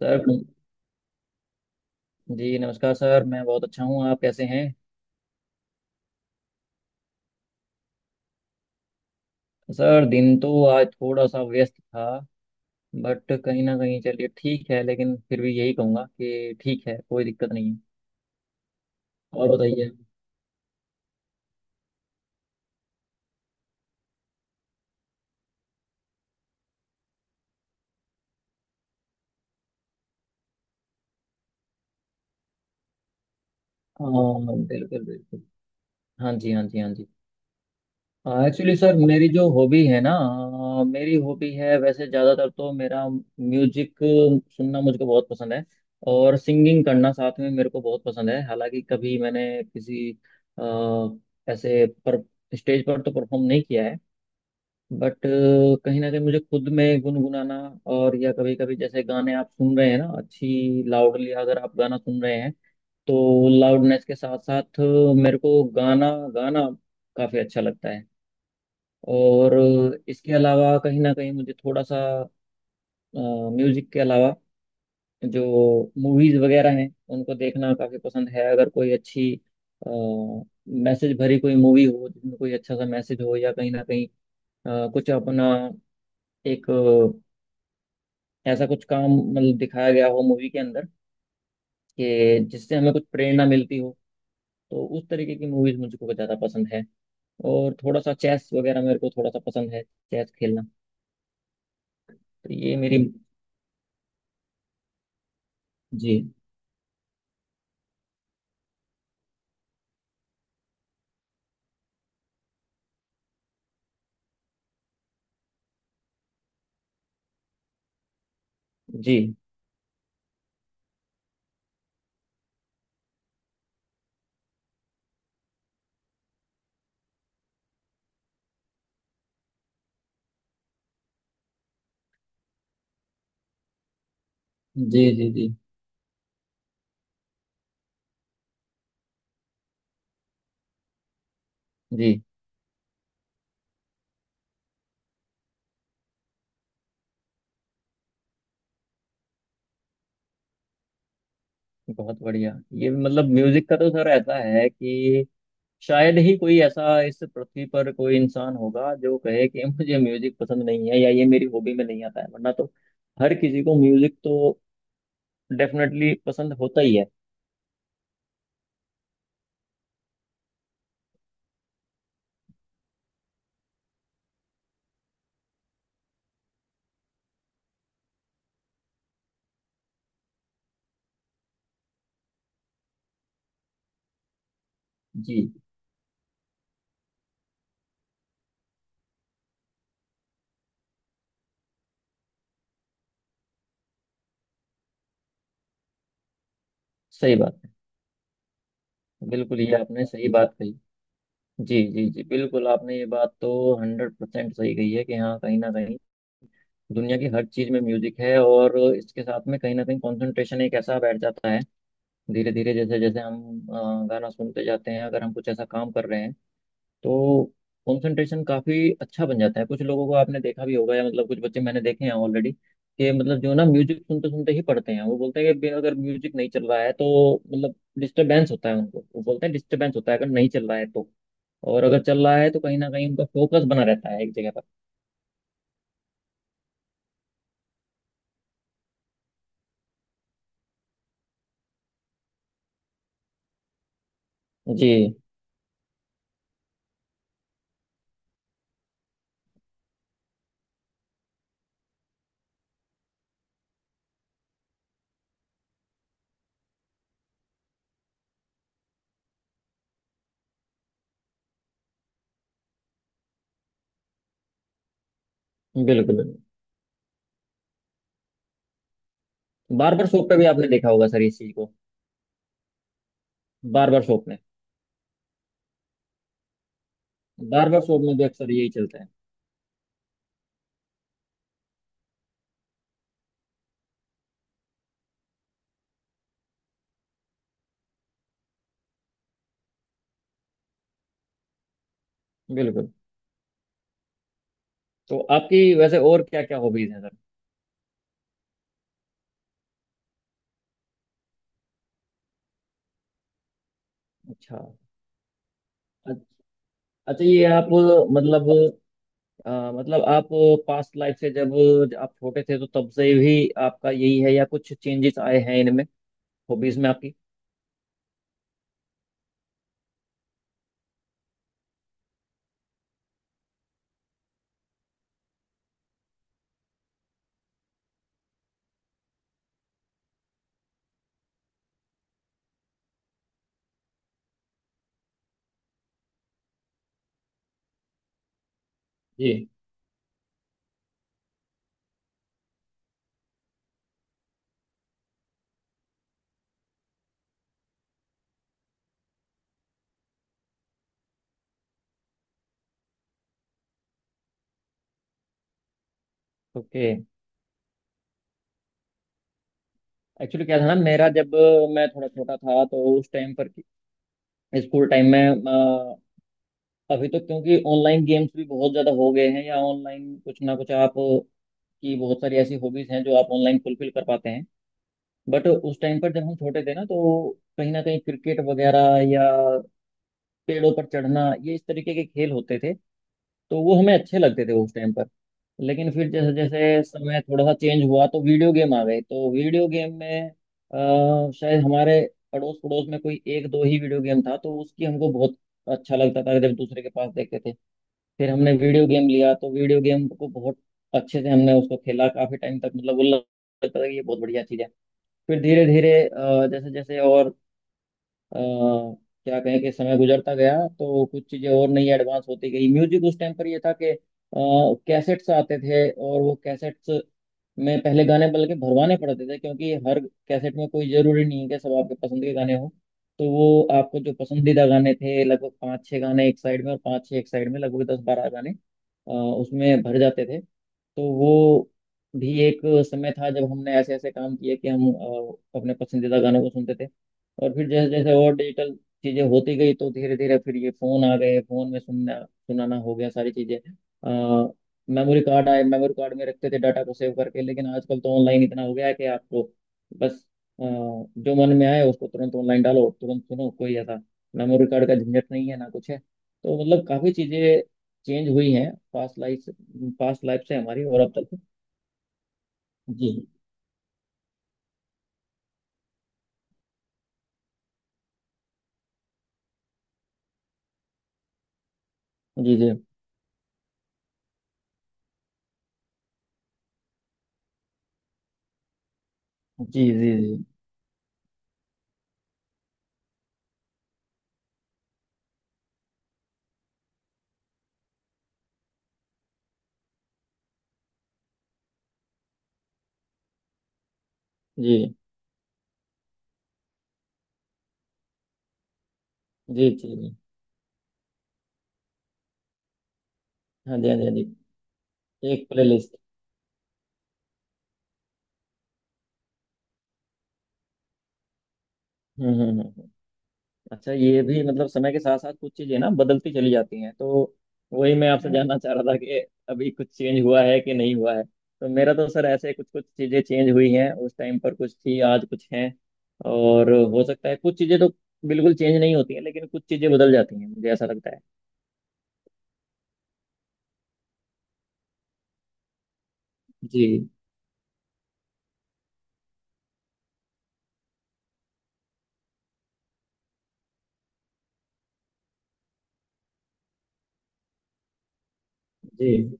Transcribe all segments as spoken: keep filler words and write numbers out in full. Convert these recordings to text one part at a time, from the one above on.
Sir जी नमस्कार sir. मैं बहुत अच्छा हूँ, आप कैसे हैं? सर दिन तो आज थोड़ा सा व्यस्त था, बट कहीं ना कहीं चलिए ठीक है। लेकिन फिर भी यही कहूँगा कि ठीक है, कोई दिक्कत नहीं है। और बताइए। हाँ बिल्कुल बिल्कुल। हाँ जी, हाँ जी, हाँ जी। एक्चुअली सर मेरी जो हॉबी है ना, अ, मेरी हॉबी है, वैसे ज़्यादातर तो मेरा म्यूजिक सुनना मुझको बहुत पसंद है। और सिंगिंग करना साथ में मेरे को बहुत पसंद है। हालांकि कभी मैंने किसी अ, ऐसे पर स्टेज पर तो परफॉर्म नहीं किया है, बट कहीं ना कहीं मुझे खुद में गुनगुनाना, और या कभी कभी जैसे गाने आप सुन रहे हैं ना, अच्छी लाउडली अगर आप गाना सुन रहे हैं तो लाउडनेस के साथ साथ मेरे को गाना गाना काफ़ी अच्छा लगता है। और इसके अलावा कहीं ना कहीं मुझे थोड़ा सा म्यूजिक के अलावा जो मूवीज वगैरह हैं उनको देखना काफी पसंद है। अगर कोई अच्छी मैसेज भरी कोई मूवी हो जिसमें कोई अच्छा सा मैसेज हो, या कहीं ना कहीं अ, कुछ अपना एक अ, ऐसा कुछ काम मतलब दिखाया गया हो मूवी के अंदर कि जिससे हमें कुछ प्रेरणा मिलती हो, तो उस तरीके की मूवीज मुझको कुछ ज्यादा पसंद है। और थोड़ा सा चेस वगैरह मेरे को थोड़ा सा पसंद है, चेस खेलना। तो ये मेरी। जी जी जी। जी जी जी। बहुत बढ़िया। ये मतलब म्यूजिक का तो सर ऐसा है कि शायद ही कोई ऐसा इस पृथ्वी पर कोई इंसान होगा जो कहे कि मुझे म्यूजिक पसंद नहीं है या ये मेरी हॉबी में नहीं आता है, वरना तो हर किसी को म्यूजिक तो डेफिनेटली पसंद होता ही है। जी। सही बात है। बिल्कुल ये आपने सही बात कही। जी जी जी, बिल्कुल आपने ये बात तो हंड्रेड परसेंट सही कही है कि हाँ कहीं ना कहीं दुनिया की हर चीज में म्यूजिक है। और इसके साथ में कहीं ना कहीं कंसंट्रेशन एक ऐसा बैठ जाता है धीरे धीरे, जैसे जैसे हम अ, गाना सुनते जाते हैं। अगर हम कुछ ऐसा काम कर रहे हैं तो कंसंट्रेशन काफी अच्छा बन जाता है। कुछ लोगों को आपने देखा भी होगा, या मतलब कुछ बच्चे मैंने देखे हैं ऑलरेडी कि मतलब जो ना म्यूजिक सुनते सुनते ही पढ़ते हैं, वो बोलते हैं कि बे- अगर म्यूजिक नहीं चल रहा है तो मतलब डिस्टरबेंस होता है उनको। वो बोलते हैं डिस्टरबेंस होता है अगर नहीं चल रहा है तो, और अगर चल रहा है तो कहीं ना कहीं उनका फोकस बना रहता है एक जगह पर। जी। बिल्कुल। बार्बर शॉप पे भी आपने देखा होगा सर इस चीज को। बार्बर शॉप में। बार्बर शॉप में भी अक्सर यही चलता है। बिल्कुल। तो आपकी वैसे और क्या क्या हॉबीज हैं सर? अच्छा। अ- अच्छा ये आप मतलब, अ, मतलब आप पास्ट लाइफ से जब आप छोटे थे तो तब से भी आपका यही है या कुछ चेंजेस आए हैं इनमें, हॉबीज में आपकी? जी। ओके। एक्चुअली क्या था ना, मेरा जब मैं थोड़ा छोटा था तो उस टाइम पर स्कूल टाइम में, अ, अभी तो क्योंकि ऑनलाइन गेम्स भी बहुत ज़्यादा हो गए हैं, या ऑनलाइन कुछ ना कुछ आप की बहुत सारी ऐसी हॉबीज हैं जो आप ऑनलाइन फुलफिल कर पाते हैं। बट उस टाइम पर जब हम छोटे थे ना तो कहीं ना कहीं क्रिकेट वगैरह या पेड़ों पर चढ़ना, ये इस तरीके के खेल होते थे, तो वो हमें अच्छे लगते थे उस टाइम पर। लेकिन फिर जैसे जैसे समय थोड़ा सा चेंज हुआ तो वीडियो गेम आ गए। तो वीडियो गेम में, अ, शायद हमारे अड़ोस पड़ोस में कोई एक दो ही वीडियो गेम था तो उसकी हमको बहुत अच्छा लगता था जब दूसरे के पास देखते थे। फिर हमने वीडियो गेम लिया, तो वीडियो गेम को बहुत अच्छे से हमने उसको खेला काफी टाइम तक। मतलब वो लगता था कि ये बहुत बढ़िया चीज है। फिर धीरे धीरे जैसे जैसे और अ, क्या कहें कि समय गुजरता गया, तो कुछ चीजें और नई एडवांस होती गई। म्यूजिक उस टाइम पर ये था कि कैसेट्स आते थे, और वो कैसेट्स में पहले गाने बल्कि भरवाने पड़ते थे, क्योंकि हर कैसेट में कोई जरूरी नहीं है कि सब आपके पसंद के गाने हों। तो वो आपको जो पसंदीदा गाने थे, लगभग पाँच छः गाने एक साइड में और पाँच छः एक साइड में, लगभग दस बारह गाने अ, उसमें भर जाते थे। तो वो भी एक समय था जब हमने ऐसे ऐसे काम किए कि हम अ, अपने पसंदीदा गानों को सुनते थे। और फिर जैसे जैसे और डिजिटल चीजें होती गई तो धीरे धीरे फिर ये फोन आ गए। फोन में सुनना सुनाना हो गया सारी चीजें, आ, मेमोरी कार्ड आए, मेमोरी कार्ड में रखते थे डाटा को सेव करके। लेकिन आजकल तो ऑनलाइन इतना हो गया है कि आपको बस अ, जो मन में आए उसको तुरंत ऑनलाइन डालो और तुरंत सुनो। कोई ऐसा मेमोरी कार्ड का झंझट नहीं है, ना कुछ है। तो मतलब काफी चीजें चेंज हुई हैं पास्ट लाइफ से, पास्ट लाइफ से हमारी और अब तक। जी जी जी। जी जी जी। जी जी जी। जी हाँ जी, हाँ जी, हाँ जी। एक प्ले। हम्म हम्म, हम्म। हम्म। अच्छा ये भी मतलब समय के साथ साथ कुछ चीजें ना बदलती चली जाती हैं, तो वही मैं आपसे जानना चाह रहा था कि अभी कुछ चेंज हुआ है कि नहीं हुआ है। तो मेरा तो सर ऐसे कुछ कुछ चीजें चेंज हुई हैं, उस टाइम पर कुछ थी आज कुछ हैं। और हो सकता है कुछ चीजें तो बिल्कुल चेंज नहीं होती हैं, लेकिन कुछ चीजें बदल जाती हैं, मुझे ऐसा लगता है। जी। जी।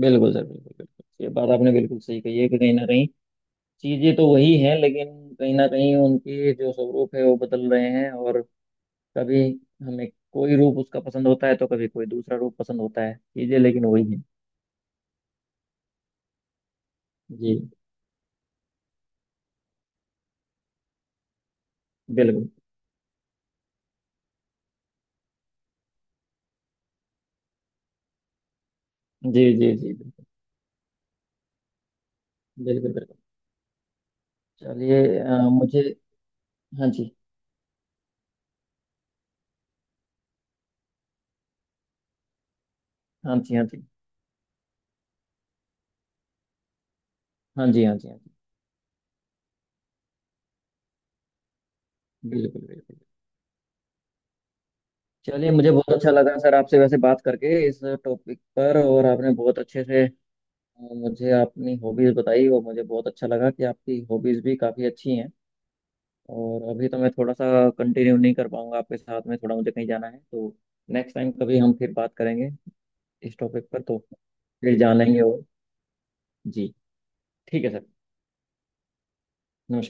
बिल्कुल सर, बिल्कुल बिल्कुल। ये बात आपने बिल्कुल सही कही है कि कहीं ना कहीं चीजें तो वही हैं, लेकिन कहीं ना कहीं उनके जो स्वरूप है वो बदल रहे हैं। और कभी हमें कोई रूप उसका पसंद होता है, तो कभी कोई दूसरा रूप पसंद होता है, चीजें लेकिन वही है। जी। बिल्कुल। जी जी जी, बिल्कुल बिल्कुल बिल्कुल। चलिए अ, मुझे। हाँ जी, हाँ जी, हाँ जी। हाँ जी, हाँ जी, हाँ जी। बिल्कुल बिल्कुल। चलिए मुझे बहुत अच्छा लगा सर आपसे वैसे बात करके इस टॉपिक पर, और आपने बहुत अच्छे से अ, मुझे अपनी हॉबीज बताई, और मुझे बहुत अच्छा लगा कि आपकी हॉबीज भी काफी अच्छी हैं। और अभी तो मैं थोड़ा सा कंटिन्यू नहीं कर पाऊंगा आपके साथ में, थोड़ा मुझे कहीं जाना है, तो नेक्स्ट टाइम कभी हम फिर बात करेंगे इस टॉपिक पर। तो फिर जान लेंगे। और जी, ठीक है सर। नमस्कार।